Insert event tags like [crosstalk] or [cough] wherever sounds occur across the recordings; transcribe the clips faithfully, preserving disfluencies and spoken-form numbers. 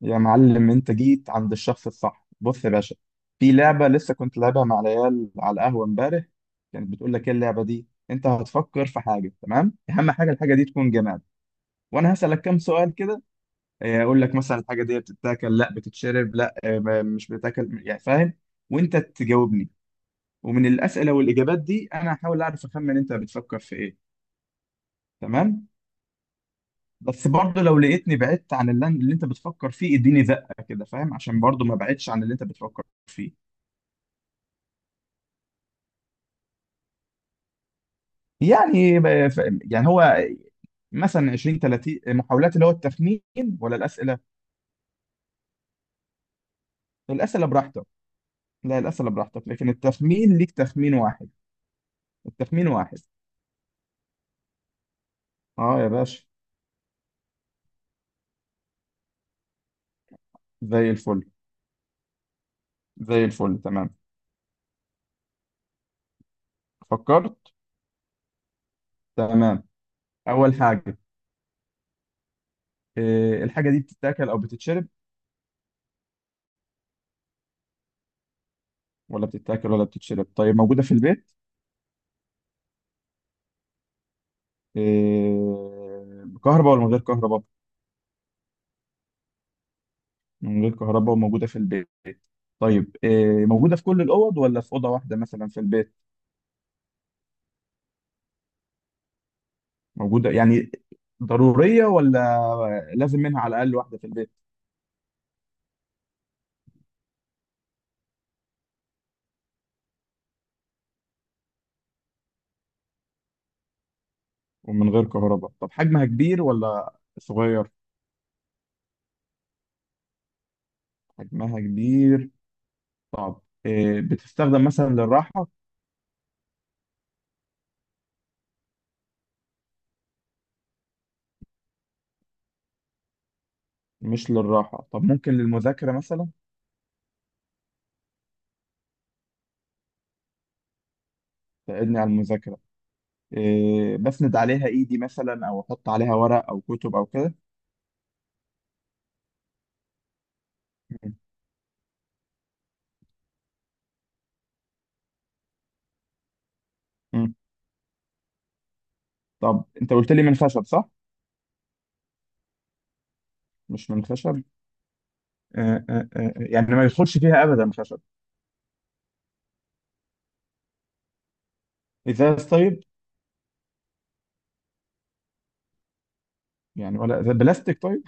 يا معلم، انت جيت عند الشخص الصح، بص يا باشا. في لعبة لسه كنت لعبها مع العيال على القهوة امبارح. كانت بتقول لك ايه اللعبة دي؟ انت هتفكر في حاجة، تمام؟ اهم حاجة الحاجة دي تكون جماد، وانا هسألك كام سؤال كده. اه، اقول لك مثلا الحاجة دي بتتاكل؟ لا. بتتشرب؟ لا. اه، ما- مش بتتاكل، يعني فاهم؟ وانت تجاوبني. ومن الأسئلة والإجابات دي انا هحاول اعرف اخمن انت بتفكر في ايه. تمام. بس برضه لو لقيتني بعدت عن اللي اللي انت بتفكر فيه اديني زقة كده فاهم، عشان برضه ما بعدتش عن اللي انت بتفكر فيه. يعني ب- ف- يعني هو مثلا عشرين تلاتين محاولات اللي هو التخمين، ولا الأسئلة؟ الأسئلة براحتك. لا، الأسئلة براحتك، لكن التخمين ليك تخمين واحد. التخمين واحد. اه يا باشا. زي الفل. زي الفل، تمام. فكرت. تمام. أول حاجة، إيه الحاجة دي بتتاكل أو بتتشرب؟ ولا بتتاكل ولا بتتشرب. طيب موجودة في البيت؟ إيه، بكهرباء ولا من غير كهرباء؟ من غير كهرباء، وموجودة في البيت. طيب إيه، موجودة في كل الأوض ولا في أوضة واحدة مثلا في البيت؟ موجودة يعني، ضرورية، ولا لازم منها على الأقل واحدة في البيت؟ ومن غير كهرباء. طب حجمها كبير ولا صغير؟ حجمها كبير. طب إيه، بتستخدم مثلا للراحة؟ مش للراحة. طب ممكن للمذاكرة مثلا؟ تساعدني على المذاكرة. إيه، بسند عليها إيدي مثلا أو أحط عليها ورق أو كتب أو كده؟ مم. مم. طب أنت قلت لي من خشب، صح؟ مش من خشب. آه، آه، آه، آه، يعني ما يدخلش فيها أبدا خشب؟ إزاز طيب. يعني ولا إزاز- بلاستيك طيب.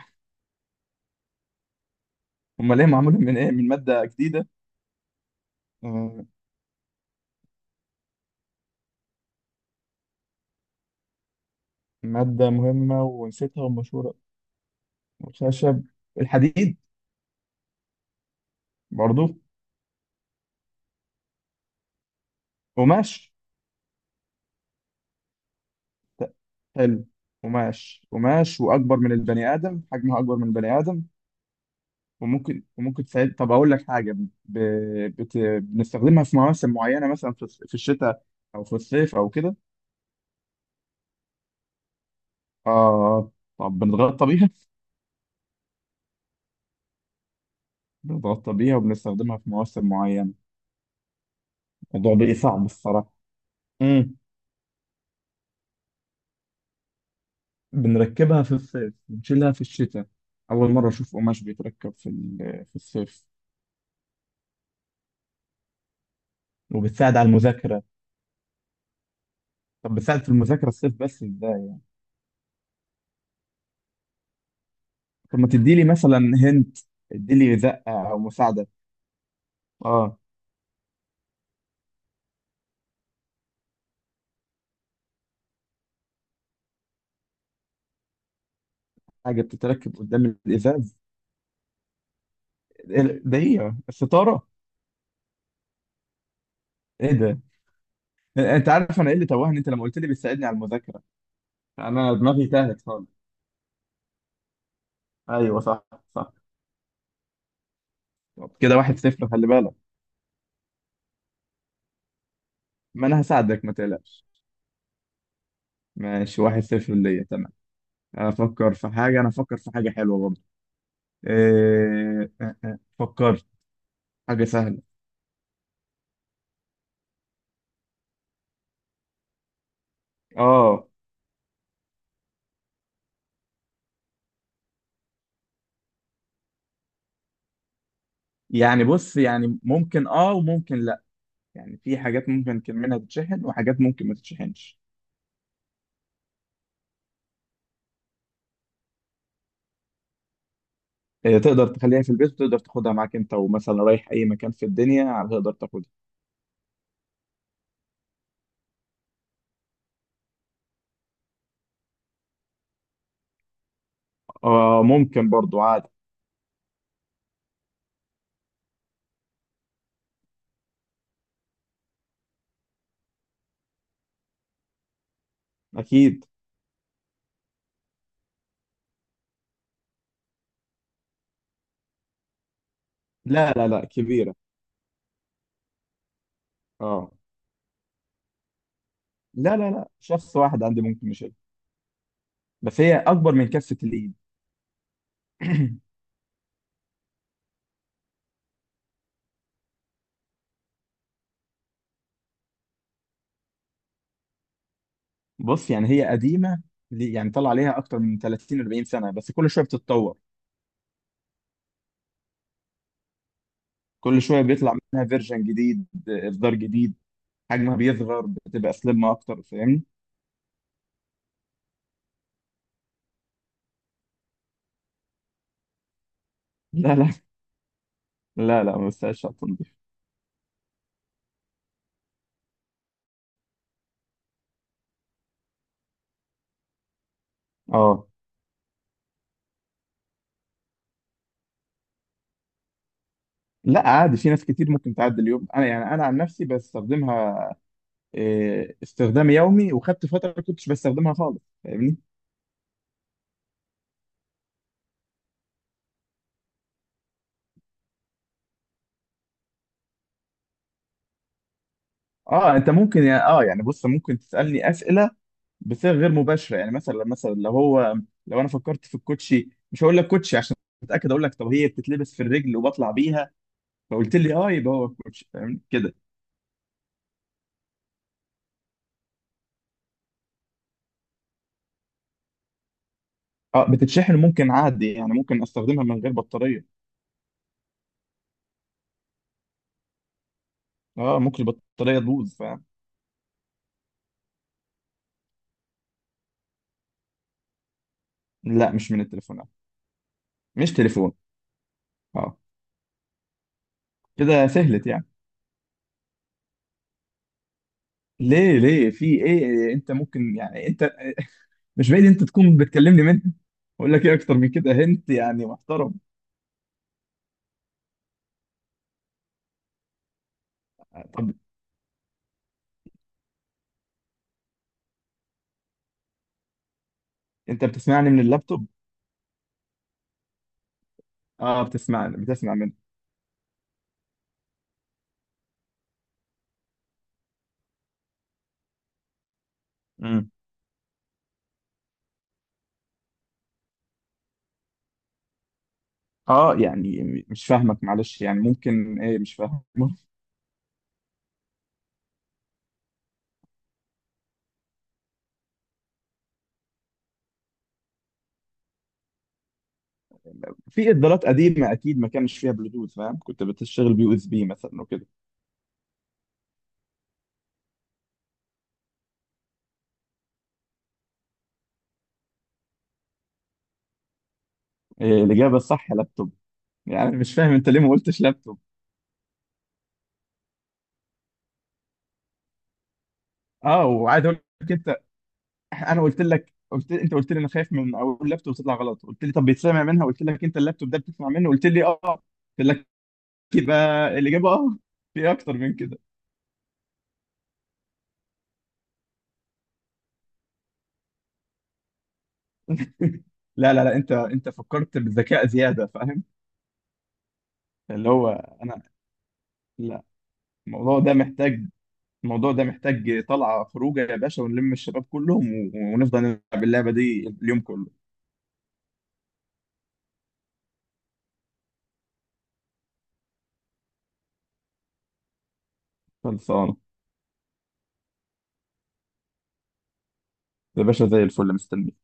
امال ايه معموله، من ايه، من ماده جديده؟ آه، ماده مهمه ونسيتها ومشهوره. الخشب. الحديد. برضو. قماش. ت- حلو. قماش، قماش، واكبر من البني ادم، حجمها اكبر من البني ادم. وممكن وممكن تساعد. طب اقول لك حاجه، ب... بت... بنستخدمها في مواسم معينه، مثلا في, الص- في الشتاء او في الصيف او كده. اه. طب بنتغطى بيها؟ بنتغطى بيها وبنستخدمها في مواسم معينه. الموضوع بقى صعب الصراحه. إمم. بنركبها في الصيف بنشيلها في الشتاء؟ أول مرة أشوف قماش بيتركب في ال- في الصيف. وبتساعد على المذاكرة. طب بتساعد في المذاكرة الصيف بس إزاي؟ طب ما تدي لي مثلا. هنت. ادي لي زقة أو مساعدة. أه. حاجة بتتركب قدام الإزاز. إيه ده، هي الستارة؟ إيه ده؟ أنت عارف أنا إيه اللي توهني؟ أنت لما قلت لي بتساعدني على المذاكرة أنا دماغي تاهت خالص. أيوه صح. صح. طب كده واحد صفر، خلي بالك. ما أنا هساعدك ما تقلقش. ماشي، واحد صفر ليا، تمام. افكر في حاجه. انا افكر في حاجه حلوه برضه. إيه... آه، آه، فكرت. حاجه سهله. اه يعني بص، يعني ممكن اه وممكن لا. يعني في حاجات ممكن كان منها تتشحن وحاجات ممكن ما تتشحنش. إيه، تقدر تخليها في البيت وتقدر تاخدها معاك، انت ومثلا رايح اي مكان في الدنيا هتقدر تاخدها. اه ممكن برضو عادي. اكيد. لا لا لا، كبيره. اه. لا لا لا، شخص واحد عندي ممكن يشيلها، بس هي اكبر من كفه الايد. بص يعني هي قديمه. ليه- يعني طلع عليها اكتر من ثلاثين اربعين سنه، بس كل شويه بتتطور. كل شويه بيطلع منها فيرجن جديد، اصدار جديد. حجمها بيصغر، بتبقى سليم اكتر، فاهمني؟ لا لا لا لا، ما بستاهلش على التنظيف. اه. لا عادي، في ناس كتير ممكن تعدي اليوم، انا يعني انا عن نفسي بستخدمها. إيه، استخدام يومي، وخدت فتره ما كنتش بستخدمها خالص، فاهمني؟ اه انت ممكن يا- اه يعني بص ممكن تسالني اسئله بصيغه غير مباشره. يعني مثلا مثلا لو هو، لو انا فكرت في الكوتشي مش هقول لك كوتشي عشان اتاكد، اقول لك طب هي بتتلبس في الرجل وبطلع بيها، فقلت لي اه، يبقى هو الكوتشي، فاهمني كده. اه بتتشحن ممكن عادي، يعني ممكن استخدمها من غير بطاريه. اه ممكن البطاريه تبوظ، فاهم. لا، مش من التليفونات. مش تليفون. اه. كده سهلت يعني. ليه ليه في ايه، انت ممكن يعني انت، مش بعيد انت تكون بتكلمني منها. اقول لك ايه اكتر من كده، هنت يعني محترم. آه، طب انت بتسمعني من اللابتوب. اه بتسمعني، بتسمع منه. مم. اه يعني م- مش فاهمك معلش، يعني ممكن ايه، مش فاهم. [laughs] في اصدارات قديمه اكيد ما كانش فيها بلوتوث فاهم، كنت بتشتغل بيو اس بي مثلا وكده. إيه الاجابه الصح؟ لابتوب. يعني أنا مش فاهم انت ليه ما قلتش لابتوب. اه، وعايز اقول لك انت، انا قلت لك، قلت انت قلت لي، انا خايف من اقول لابتوب تطلع غلط، قلت لي طب بيتسمع منها، قلت لك انت اللابتوب ده بتسمع منه، قلت لي اه، قلت لك يبقى الاجابه اه. في إيه اكتر من كده؟ [laughs] لا لا لا، انت انت فكرت بالذكاء زياده، فاهم. اللي هو انا. لا. الموضوع ده محتاج، الموضوع ده محتاج طلعة خروجة يا باشا، ونلم الشباب كلهم و- ونفضل نلعب اللعبة دي اليوم كله. خلصانة يا باشا، زي الفل، مستني.